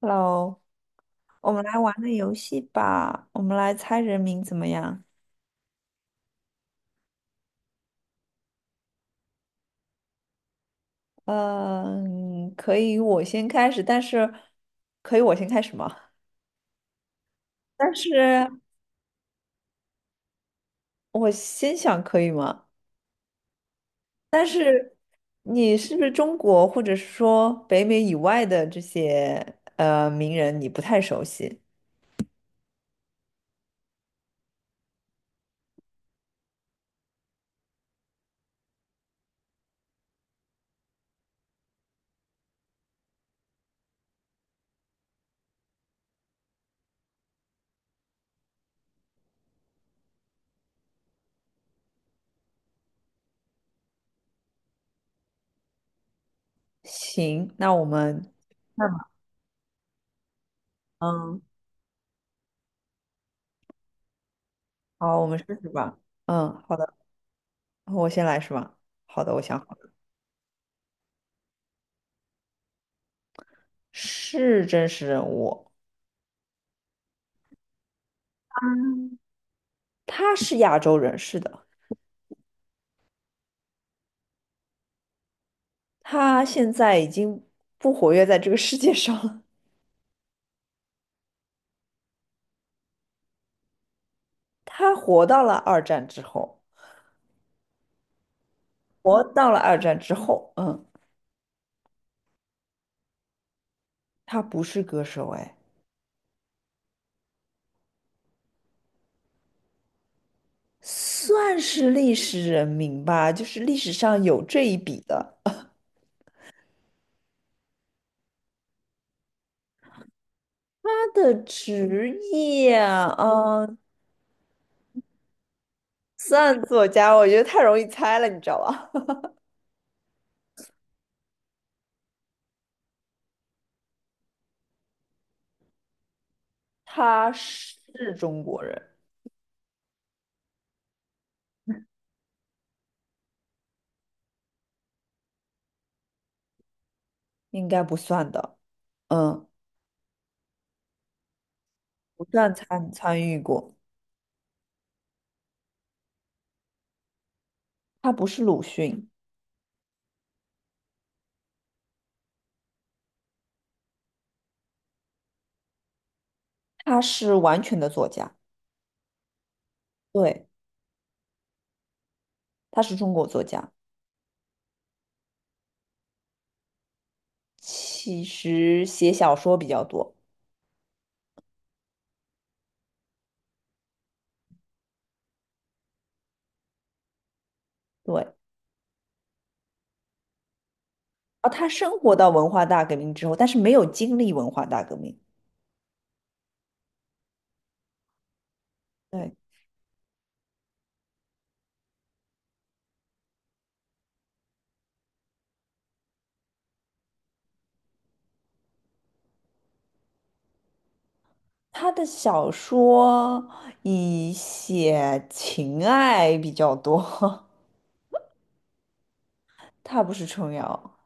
Hello，我们来玩个游戏吧，我们来猜人名怎么样？嗯，可以，我先开始，可以我先开始吗？但是我先想可以吗？但是你是不是中国或者是说北美以外的这些名人你不太熟悉？行，那我们 那么嗯，好，我们试试吧。嗯，好的，我先来是吧？好的，我想好了，是真实人物。嗯。他是亚洲人，是的，他现在已经不活跃在这个世界上了。他活到了二战之后，活到了二战之后，嗯，他不是歌手，哎，算是历史人名吧，就是历史上有这一笔的。他的职业，嗯，算作家，我觉得太容易猜了，你知道吧？他是中国人，应该不算的，嗯，不算参与过，他不是鲁迅。他是完全的作家，对，他是中国作家，其实写小说比较多，对。然他生活到文化大革命之后，但是没有经历文化大革命。对，他的小说以写情爱比较多，他不是琼瑶。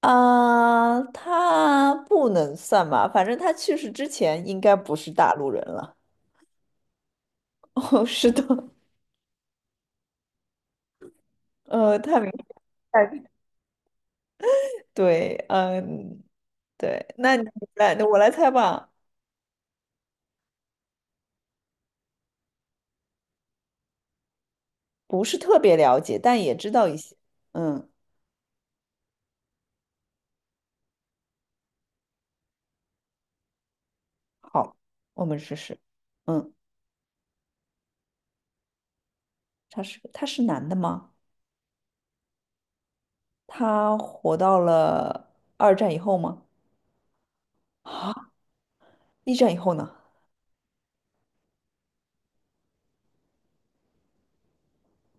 啊，他不能算吧，反正他去世之前应该不是大陆人了。哦，是的，他明白，对，嗯，对，那你来，我来猜吧。不是特别了解，但也知道一些。嗯，好，我们试试。嗯，他是男的吗？他活到了二战以后吗？啊，一战以后呢？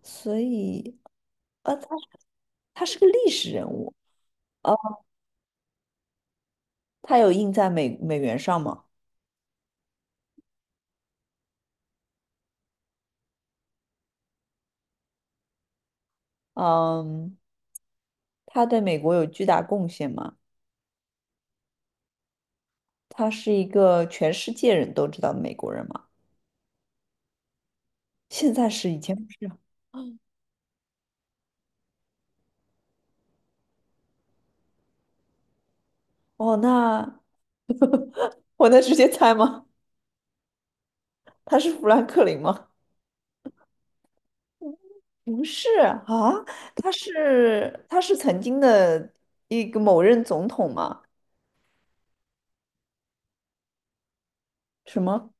所以，呃，他是个历史人物。呃，他有印在美元上吗？嗯，他对美国有巨大贡献吗？他是一个全世界人都知道的美国人吗？现在是以前不是。哦，那 我能直接猜吗？他是富兰克林吗？不是啊，他是曾经的一个某任总统吗？什么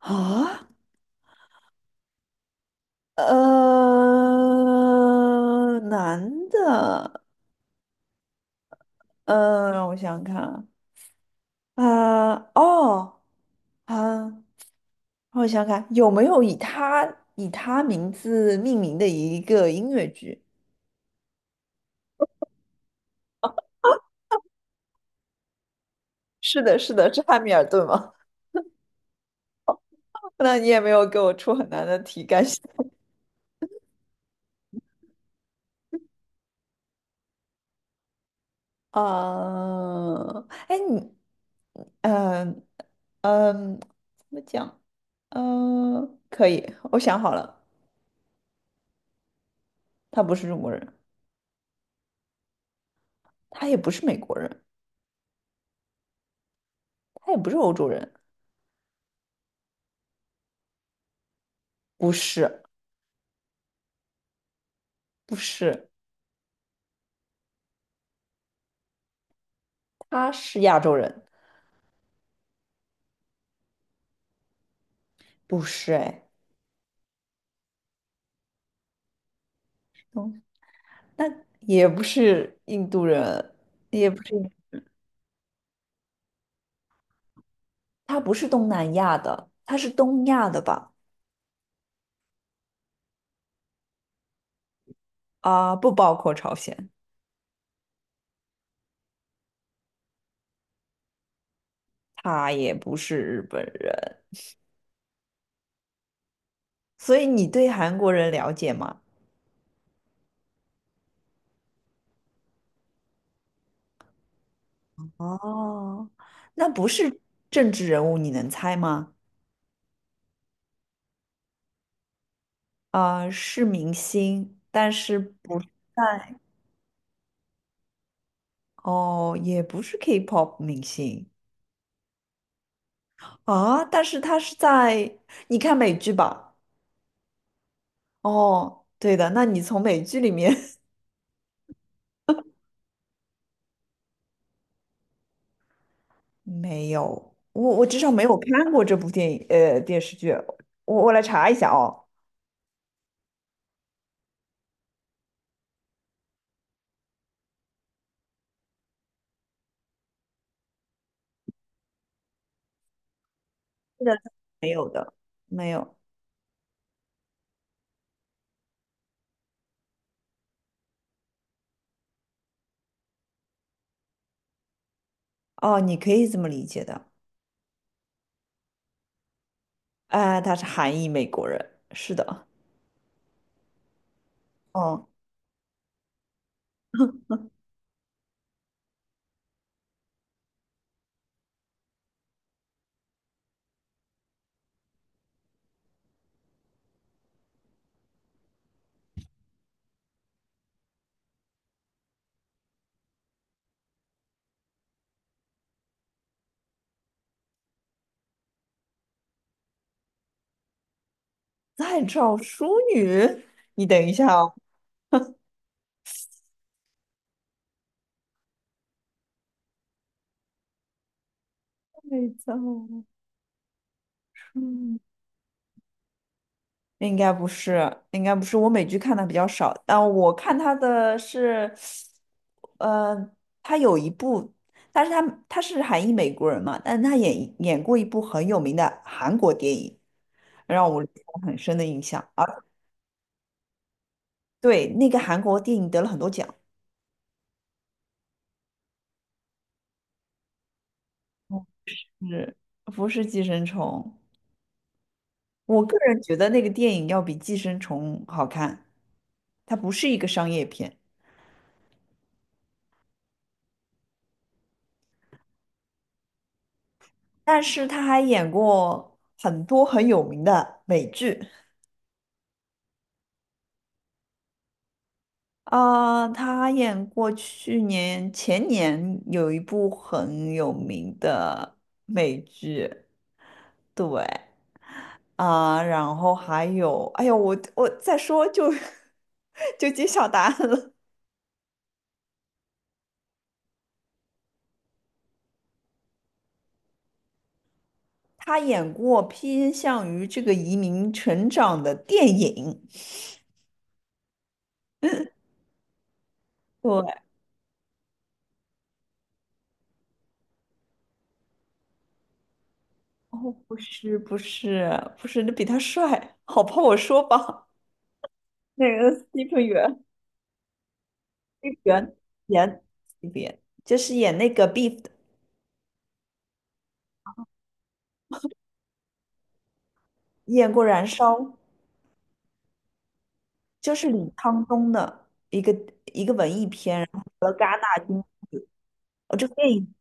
啊？男的，嗯、让我想想看啊，哦，啊，让我想想看，有没有以他名字命名的一个音乐剧？是的，是的，是汉密尔顿吗？那你也没有给我出很难的题，感谢。啊，哎，你，嗯怎么讲？嗯，可以，我想好了，他不是中国人，他也不是美国人，他也不是欧洲人，不是，不是，他是亚洲人，不是，哎，嗯，那也不是印度人，也不是印，他不是东南亚的，他是东亚的吧？啊，不包括朝鲜，他也不是日本人。所以你对韩国人了解吗？哦，那不是政治人物，你能猜吗？啊、是明星，但是不是在哦，也不是 K-pop 明星啊，但是他是你看美剧吧？哦，对的，那你从美剧里面 没有，我至少没有看过这部电视剧，我来查一下哦，是的，没有的，没有哦，你可以这么理解的。哎，她是韩裔美国人，是的，嗯，在找淑女，你等一下哦，再造淑女应该不是，应该不是，我美剧看的比较少，但我看她的是，呃，她有一部，但是她是韩裔美国人嘛，但是她演过一部很有名的韩国电影，让我留下很深的印象，啊，对，那个韩国电影得了很多奖，是不是《寄生虫》？我个人觉得那个电影要比《寄生虫》好看，它不是一个商业片，但是他还演过很多很有名的美剧啊，他还演过去年前年有一部很有名的美剧，对啊，然后还有，哎呦，我再说就 就揭晓答案了，他演过偏向于这个移民成长的电影。对，哦，不是不是不是，你比他帅，好怕我说吧。那个 s t e p h 元 s p h 元演 s t 就是演那个 Beef 的，演过《燃烧》，就是李沧东的一个文艺片，和戛纳金。哦，这个电影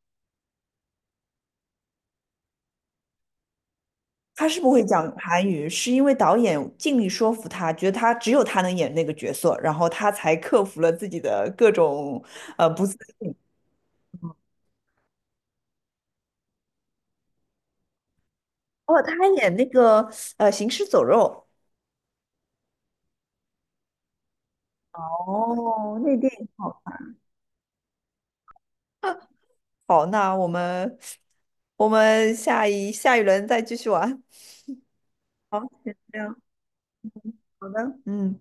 他是不会讲韩语，是因为导演尽力说服他，觉得他只有他能演那个角色，然后他才克服了自己的各种不自。哦，他还演那个《行尸走肉》。哦，那电影。好。好，那我们下一轮再继续玩。好，先这样，好的，嗯。